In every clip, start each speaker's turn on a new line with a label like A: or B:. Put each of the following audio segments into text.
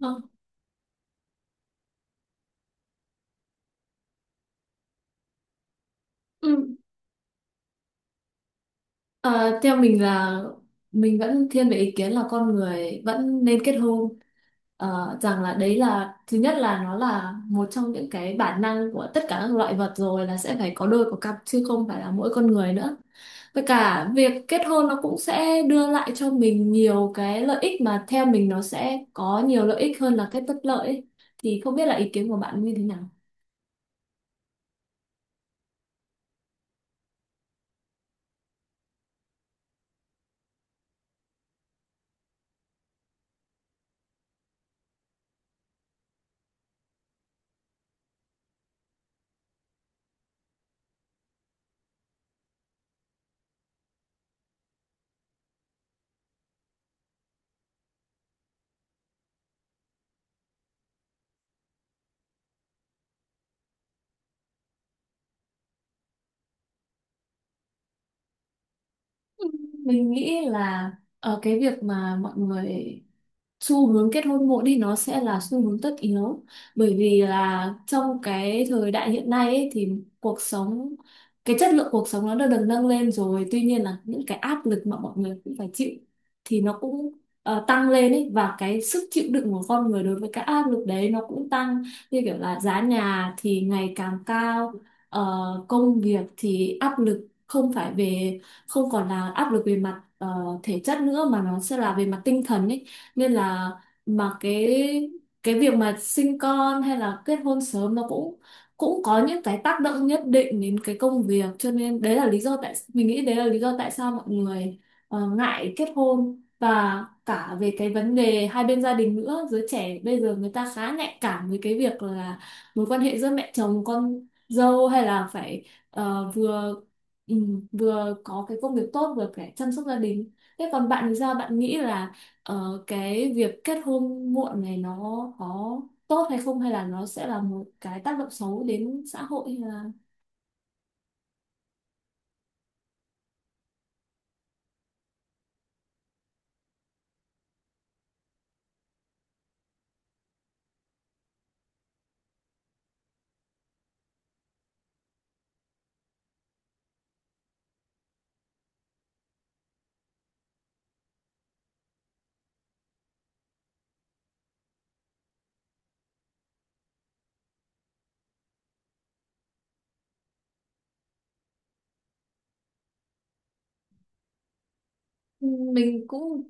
A: Vâng. Ừ. Ờ, Theo mình là mình vẫn thiên về ý kiến là con người vẫn nên kết hôn. Rằng là đấy là thứ nhất, là nó là một trong những cái bản năng của tất cả các loại vật rồi, là sẽ phải có đôi có cặp chứ không phải là mỗi con người nữa. Với cả việc kết hôn nó cũng sẽ đưa lại cho mình nhiều cái lợi ích, mà theo mình nó sẽ có nhiều lợi ích hơn là cái bất lợi ấy. Thì không biết là ý kiến của bạn như thế nào. Mình nghĩ là cái việc mà mọi người xu hướng kết hôn muộn thì nó sẽ là xu hướng tất yếu, bởi vì là trong cái thời đại hiện nay ấy, thì cuộc sống, cái chất lượng cuộc sống nó đã được nâng lên rồi, tuy nhiên là những cái áp lực mà mọi người cũng phải chịu thì nó cũng tăng lên ấy, và cái sức chịu đựng của con người đối với cái áp lực đấy nó cũng tăng, như kiểu là giá nhà thì ngày càng cao, ờ, công việc thì áp lực, không phải về, không còn là áp lực về mặt thể chất nữa mà nó sẽ là về mặt tinh thần ấy, nên là mà cái việc mà sinh con hay là kết hôn sớm nó cũng cũng có những cái tác động nhất định đến cái công việc, cho nên đấy là lý do tại mình nghĩ đấy là lý do tại sao mọi người ngại kết hôn. Và cả về cái vấn đề hai bên gia đình nữa, giới trẻ bây giờ người ta khá nhạy cảm với cái việc là mối quan hệ giữa mẹ chồng con dâu, hay là phải ờ, vừa vừa có cái công việc tốt vừa phải chăm sóc gia đình. Thế còn bạn thì sao, bạn nghĩ là cái việc kết hôn muộn này nó có tốt hay không, hay là nó sẽ là một cái tác động xấu đến xã hội hay là mình cũng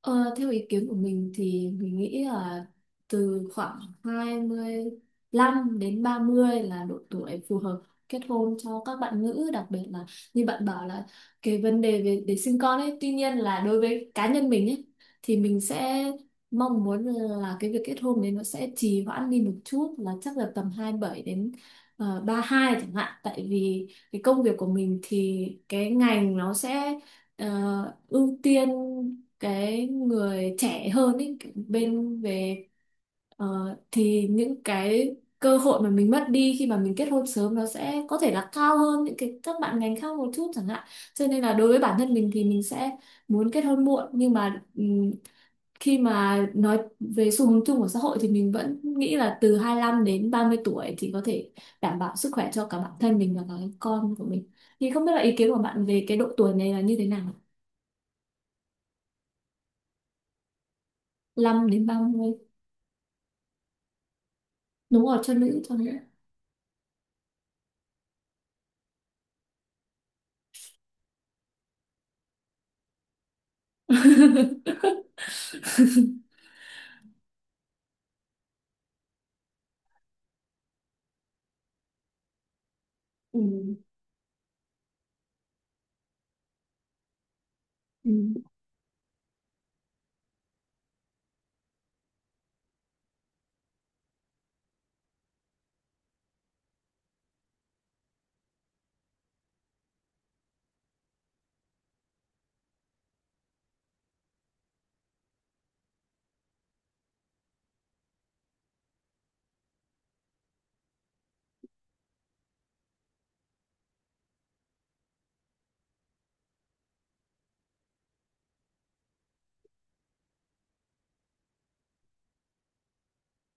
A: Ờ, theo ý kiến của mình thì mình nghĩ là từ khoảng 25 đến 30 là độ tuổi phù hợp kết hôn cho các bạn nữ, đặc biệt là như bạn bảo là cái vấn đề về để sinh con ấy. Tuy nhiên là đối với cá nhân mình ấy thì mình sẽ mong muốn là cái việc kết hôn đấy nó sẽ trì hoãn đi một chút, là chắc là tầm 27 đến 32 chẳng hạn, tại vì cái công việc của mình thì cái ngành nó sẽ ưu tiên cái người trẻ hơn ấy, bên về ờ, thì những cái cơ hội mà mình mất đi khi mà mình kết hôn sớm nó sẽ có thể là cao hơn những cái các bạn ngành khác một chút chẳng hạn, cho nên là đối với bản thân mình thì mình sẽ muốn kết hôn muộn. Nhưng mà khi mà nói về xu hướng chung của xã hội thì mình vẫn nghĩ là từ 25 đến 30 tuổi thì có thể đảm bảo sức khỏe cho cả bản thân mình và cả cái con của mình. Thì không biết là ý kiến của bạn về cái độ tuổi này là như thế nào. Năm đến 30. Đúng rồi, cho nữ, cho nữ. Ừ. Ừ.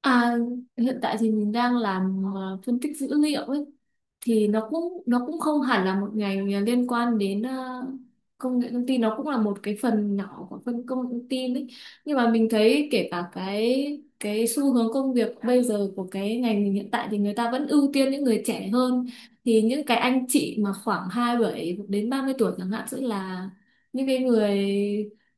A: À, hiện tại thì mình đang làm phân tích dữ liệu ấy, thì nó cũng không hẳn là một ngành liên quan đến công nghệ thông tin, nó cũng là một cái phần nhỏ của phân công nghệ thông tin ấy. Nhưng mà mình thấy kể cả cái xu hướng công việc bây giờ của cái ngành mình hiện tại thì người ta vẫn ưu tiên những người trẻ hơn, thì những cái anh chị mà khoảng 27 đến 30 tuổi chẳng hạn sẽ là những cái người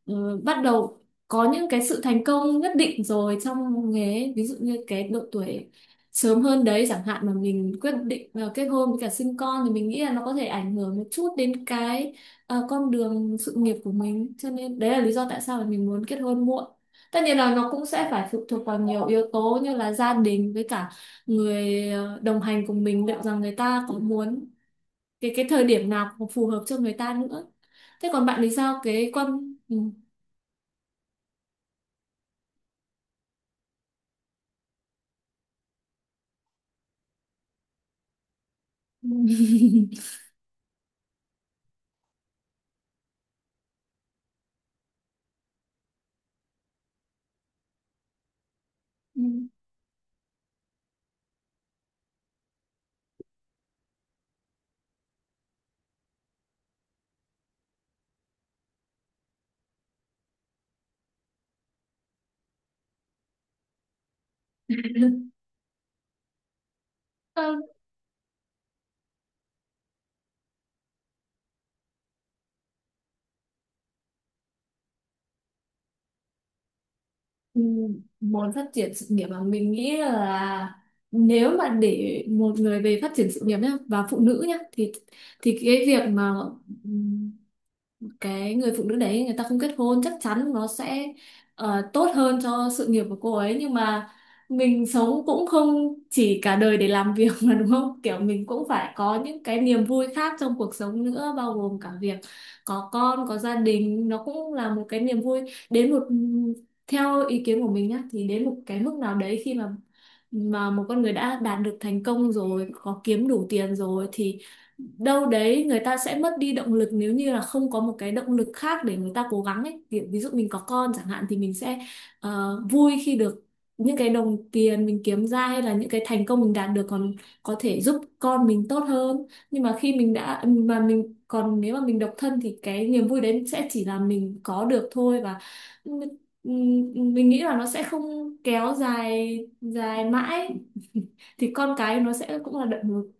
A: bắt đầu có những cái sự thành công nhất định rồi trong nghề ấy. Ví dụ như cái độ tuổi sớm hơn đấy chẳng hạn mà mình quyết định kết hôn với cả sinh con thì mình nghĩ là nó có thể ảnh hưởng một chút đến cái con đường sự nghiệp của mình, cho nên đấy là lý do tại sao mà mình muốn kết hôn muộn. Tất nhiên là nó cũng sẽ phải phụ thuộc vào nhiều yếu tố như là gia đình, với cả người đồng hành cùng mình, liệu rằng người ta có muốn, cái thời điểm nào cũng phù hợp cho người ta nữa. Thế còn bạn thì sao, cái con ừ. Ừ. Ờ, Muốn phát triển sự nghiệp mà mình nghĩ là nếu mà để một người về phát triển sự nghiệp nhá, và phụ nữ nhá, thì cái việc mà ừ, cái người phụ nữ đấy người ta không kết hôn chắc chắn nó sẽ tốt hơn cho sự nghiệp của cô ấy. Nhưng mà mình sống cũng không chỉ cả đời để làm việc mà, đúng không, kiểu mình cũng phải có những cái niềm vui khác trong cuộc sống nữa, bao gồm cả việc có con có gia đình, nó cũng là một cái niềm vui. Đến một, theo ý kiến của mình nhá, thì đến một cái mức nào đấy khi mà một con người đã đạt được thành công rồi, có kiếm đủ tiền rồi, thì đâu đấy người ta sẽ mất đi động lực nếu như là không có một cái động lực khác để người ta cố gắng ấy. Kiểu ví dụ mình có con chẳng hạn thì mình sẽ vui khi được những cái đồng tiền mình kiếm ra hay là những cái thành công mình đạt được còn có thể giúp con mình tốt hơn. Nhưng mà khi mình đã, mà mình còn, nếu mà mình độc thân thì cái niềm vui đấy sẽ chỉ là mình có được thôi. Và m- mình nghĩ là nó sẽ không kéo dài dài mãi. Thì con cái nó sẽ cũng là động lực.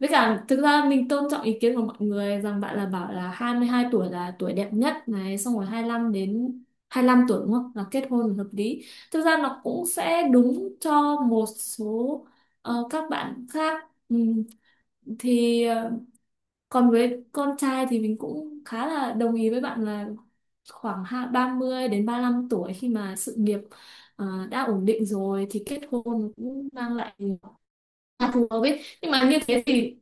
A: Với cả thực ra mình tôn trọng ý kiến của mọi người rằng bạn là bảo là 22 tuổi là tuổi đẹp nhất này, xong rồi 25 đến 25 tuổi đúng không là kết hôn là hợp lý. Thực ra nó cũng sẽ đúng cho một số các bạn khác. Thì ờ, Còn với con trai thì mình cũng khá là đồng ý với bạn là khoảng 30 đến 35 tuổi khi mà sự nghiệp đã ổn định rồi thì kết hôn cũng mang lại, À, phù hợp ấy. Nhưng mà như thế thì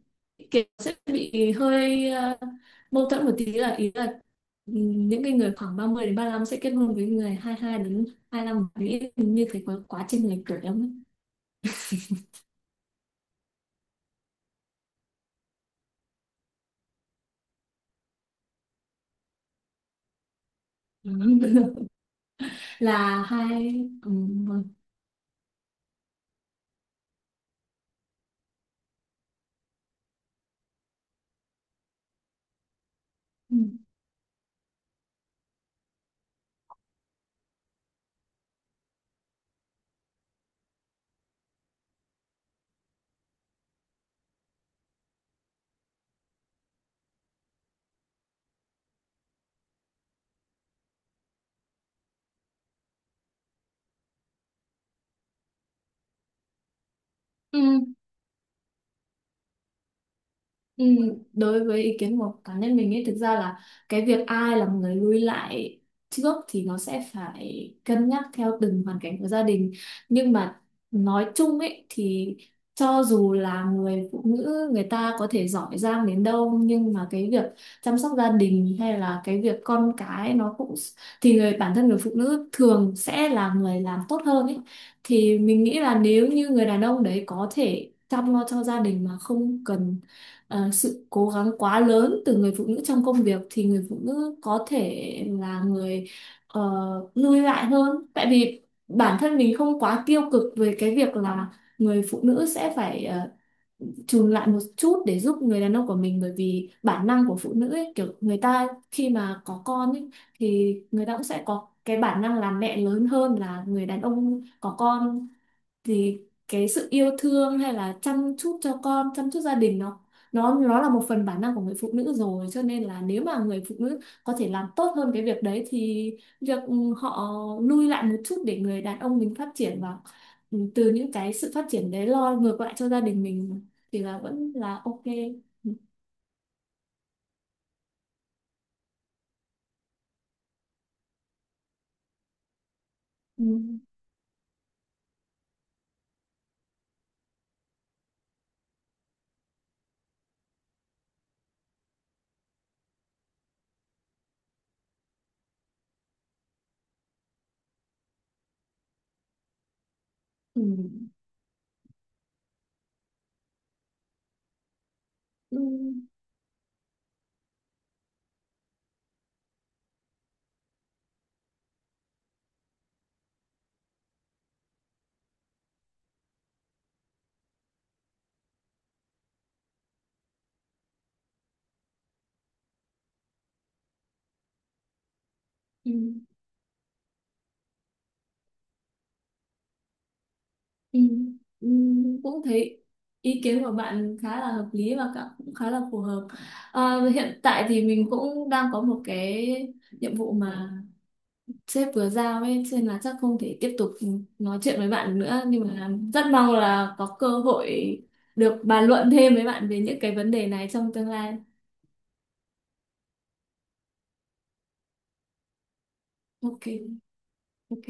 A: kiểu sẽ bị hơi mâu thuẫn một tí, là ý là những cái người khoảng 30 đến 35 sẽ kết hôn với người 22 đến 25, nghĩ như thế có quá trình lệch tuổi lắm ấy. Là hai vâng. Ừm. Ừ, Ừ, đối với ý kiến của cá nhân mình ấy thực ra là cái việc ai là người lui lại trước thì nó sẽ phải cân nhắc theo từng hoàn cảnh của gia đình. Nhưng mà nói chung ấy thì cho dù là người phụ nữ người ta có thể giỏi giang đến đâu, nhưng mà cái việc chăm sóc gia đình hay là cái việc con cái nó cũng, thì người bản thân người phụ nữ thường sẽ là người làm tốt hơn ấy. Thì mình nghĩ là nếu như người đàn ông đấy có thể chăm lo cho gia đình mà không cần sự cố gắng quá lớn từ người phụ nữ trong công việc, thì người phụ nữ có thể là người ờ, lui lại hơn, tại vì bản thân mình không quá tiêu cực về cái việc là người phụ nữ sẽ phải chùn lại một chút để giúp người đàn ông của mình. Bởi vì bản năng của phụ nữ ấy, kiểu người ta khi mà có con ấy, thì người ta cũng sẽ có cái bản năng làm mẹ lớn hơn là người đàn ông có con. Thì cái sự yêu thương hay là chăm chút cho con, chăm chút gia đình, nó là một phần bản năng của người phụ nữ rồi, cho nên là nếu mà người phụ nữ có thể làm tốt hơn cái việc đấy thì việc họ lui lại một chút để người đàn ông mình phát triển, và từ những cái sự phát triển đấy lo ngược lại cho gia đình mình, thì là vẫn là ok. Ừ. Ừ. Ừ. Ừ. Ừ. Ừ, ừ, cũng thấy ý kiến của bạn khá là hợp lý và cũng khá là phù hợp. Ờ, hiện tại thì mình cũng đang có một cái nhiệm vụ mà sếp vừa giao ấy, cho nên là chắc không thể tiếp tục nói chuyện với bạn nữa, nhưng mà rất mong là có cơ hội được bàn luận thêm với bạn về những cái vấn đề này trong tương lai. Ok, ok.